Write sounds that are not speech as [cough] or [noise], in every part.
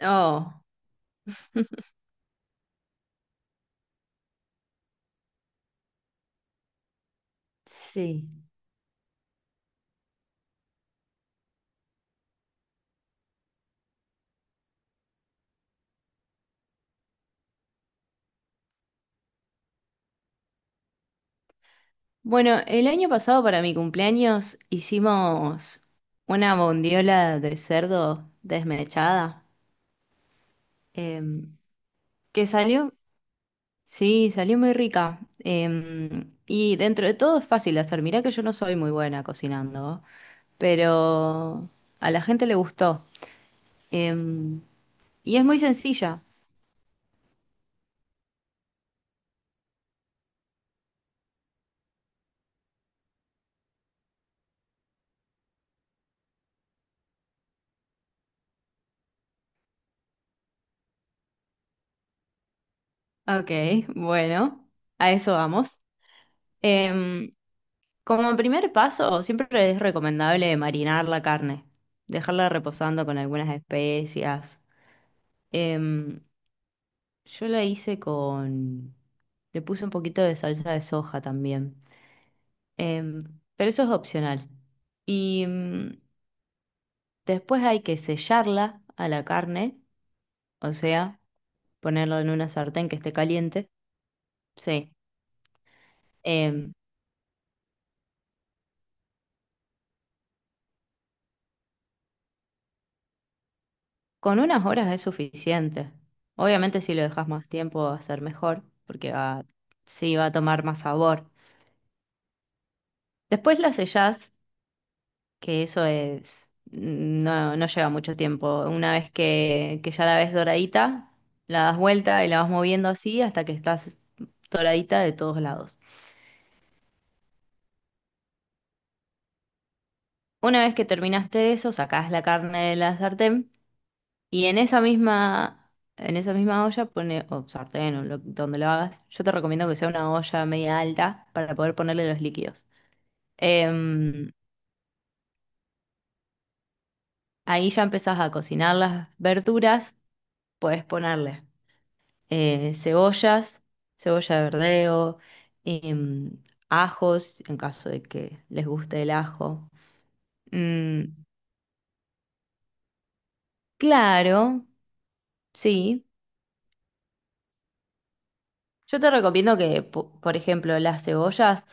Oh, sí. Bueno, el año pasado para mi cumpleaños hicimos una bondiola de cerdo desmechada, em, que salió, sí, salió muy rica. Y dentro de todo es fácil de hacer. Mirá que yo no soy muy buena cocinando, pero a la gente le gustó. em, y es muy sencilla. Ok, [laughs] bueno, a eso vamos. Em, Como primer paso, siempre es recomendable marinar la carne, dejarla reposando con algunas especias. Em, yo la hice con... Le puse un poquito de salsa de soja también. Em, pero eso es opcional. Y después hay que sellarla a la carne, o sea, ponerlo en una sartén que esté caliente. Sí. Em, Con unas horas es suficiente. Obviamente si lo dejas más tiempo va a ser mejor, porque va, sí va a tomar más sabor. Después la sellás, que eso es, no, no lleva mucho tiempo. Una vez que ya la ves doradita, la das vuelta y la vas moviendo así hasta que estás doradita de todos lados. Una vez que terminaste eso, sacás la carne de la sartén. Y en esa misma olla pone, o sartén, o donde lo hagas, yo te recomiendo que sea una olla media alta para poder ponerle los líquidos. Em, ahí ya empezás a cocinar las verduras, puedes ponerle cebollas, cebolla de verdeo, em, ajos, en caso de que les guste el ajo. Mm, claro, sí. Yo te recomiendo que, por ejemplo, las cebollas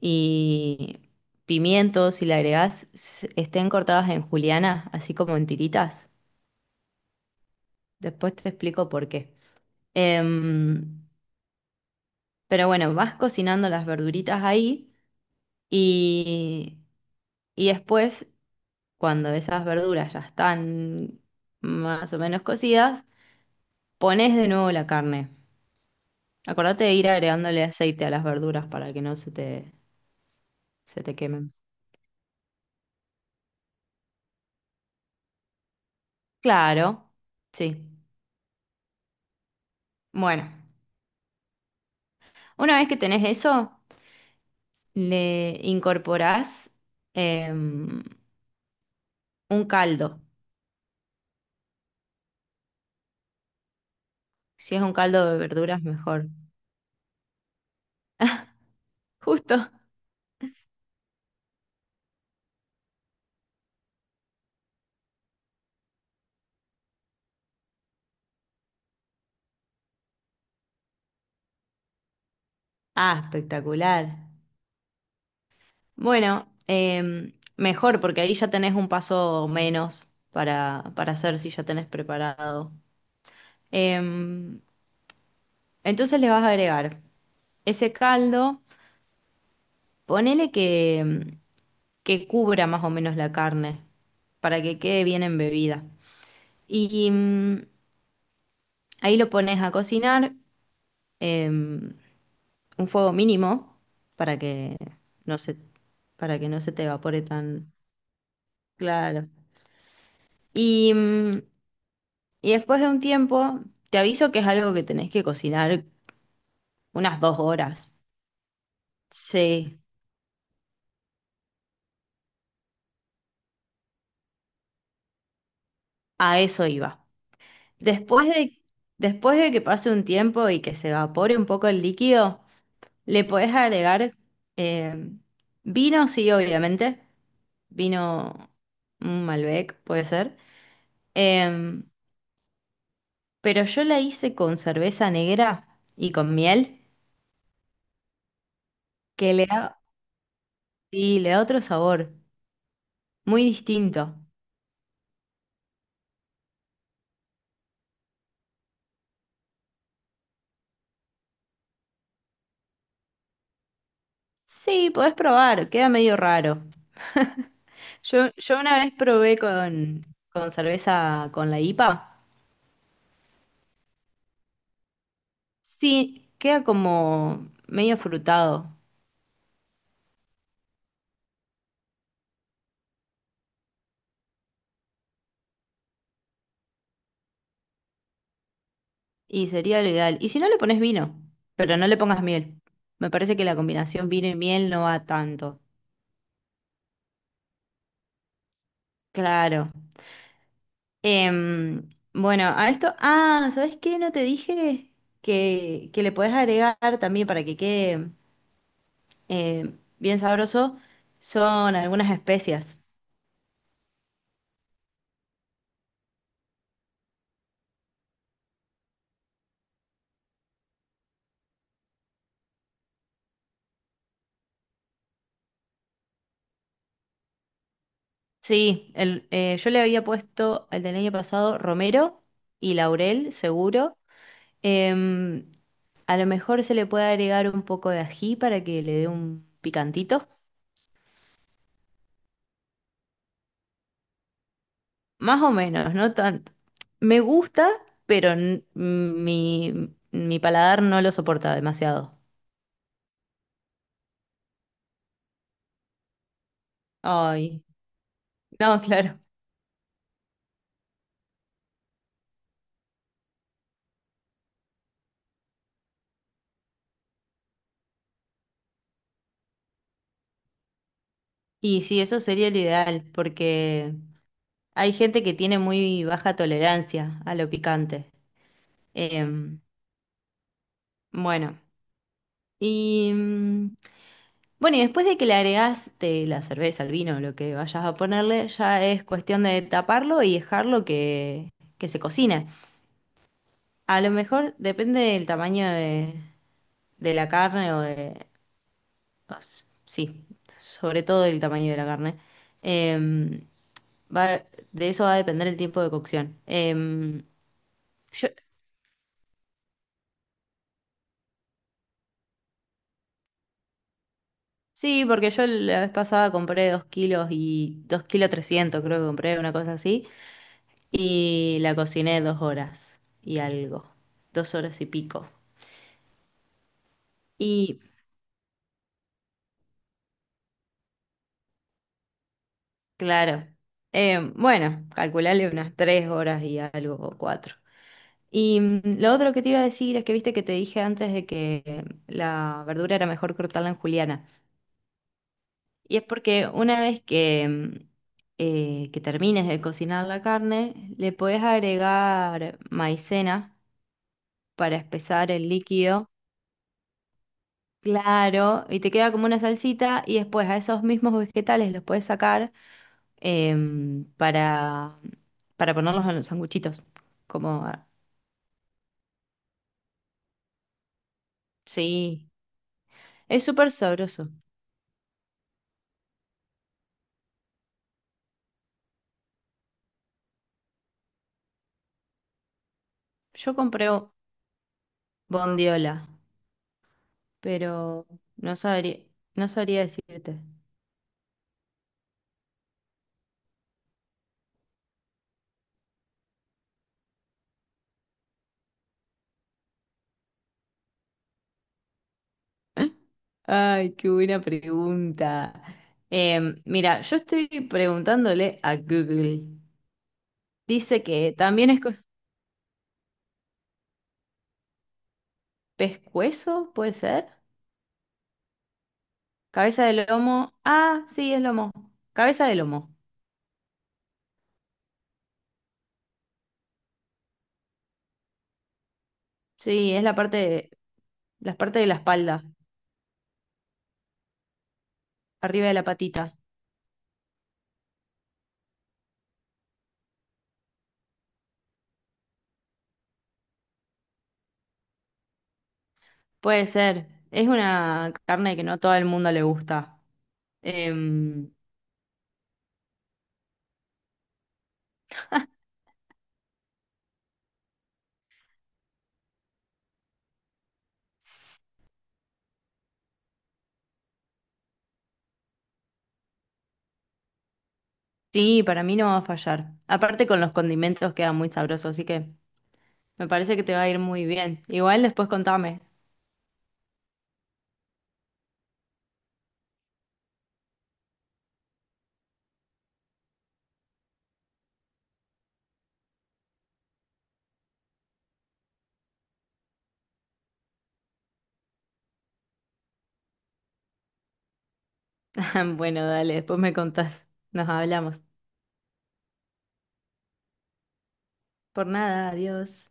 y pimientos, si le agregás, estén cortadas en juliana, así como en tiritas. Después te explico por qué. Em, pero bueno, vas cocinando las verduritas ahí y, y después, cuando esas verduras ya están más o menos cocidas, pones de nuevo la carne. Acordate de ir agregándole aceite a las verduras para que no se te quemen. Claro, sí. Bueno, una vez que tenés eso, le incorporás em, un caldo. Si es un caldo de verduras, mejor. [laughs] Justo. Ah, espectacular. Bueno, mejor porque ahí ya tenés un paso menos para hacer si ya tenés preparado. Em, entonces le vas a agregar ese caldo, ponele que cubra más o menos la carne para que quede bien embebida. Y ahí lo pones a cocinar, em, un fuego mínimo para que no se, para que no se te evapore tan claro. Y, mm, y después de un tiempo, te aviso que es algo que tenés que cocinar unas 2 horas. Sí, a eso iba. Después de, después de que pase un tiempo y que se evapore un poco el líquido, le podés agregar eh, vino, sí, obviamente. Vino, un Malbec, puede ser. Em, Pero yo la hice con cerveza negra y con miel, que le da, sí, le da otro sabor, muy distinto. Sí, podés probar, queda medio raro. [laughs] Yo una vez probé con, cerveza con la IPA. Sí, queda como medio frutado y sería lo ideal. Y si no le pones vino, pero no le pongas miel. Me parece que la combinación vino y miel no va tanto. Claro. Bueno, a esto, ah, ¿sabes qué? No te dije que le podés agregar también para que quede bien sabroso, son algunas especias. Sí, yo le había puesto el del año pasado romero y laurel, seguro. Em, a lo mejor se le puede agregar un poco de ají para que le dé un picantito. Más o menos, no tanto. Me gusta, pero mi paladar no lo soporta demasiado. Ay, [laughs] no, claro. Y sí, eso sería el ideal, porque hay gente que tiene muy baja tolerancia a lo picante. Em, bueno, y mm, bueno, y después de que le agregás te la cerveza, el vino, lo que vayas a ponerle, ya es cuestión de taparlo y dejarlo que se cocine. A lo mejor depende del tamaño de la carne o de... Sí, sobre todo del tamaño de la carne. Em, Va, de eso va a depender el tiempo de cocción. Yo- sí, porque yo la vez pasada compré 2 kilos y 2 kilos 300 creo que compré, una cosa así, y la cociné 2 horas y algo, 2 horas y pico. Y claro, bueno, calcularle unas 3 horas y algo o 4. Y lo otro que te iba a decir es que viste que te dije antes de que la verdura era mejor cortarla en juliana. Y es porque una vez que termines de cocinar la carne, le podés agregar maicena para espesar el líquido, claro, y te queda como una salsita y después a esos mismos vegetales los puedes sacar em, para, para ponerlos en los sanguchitos. Como, ah, sí, es súper sabroso. Yo compré bondiola, pero no sabría, no sabría decirte. [laughs] Ay, qué buena pregunta. Mira, yo estoy preguntándole a Google. Dice que también es pescuezo, ¿puede ser? Cabeza de lomo. Ah, sí, es lomo. Cabeza de lomo. Sí, es las partes de la espalda, arriba de la patita. Puede ser. Es una carne que no a todo el mundo le gusta. Em, sí, para mí no va a fallar. Aparte con los condimentos queda muy sabroso, así que... Me parece que te va a ir muy bien. Igual después contame. [laughs] Bueno, dale, después me contás. Nos hablamos. Por nada, adiós.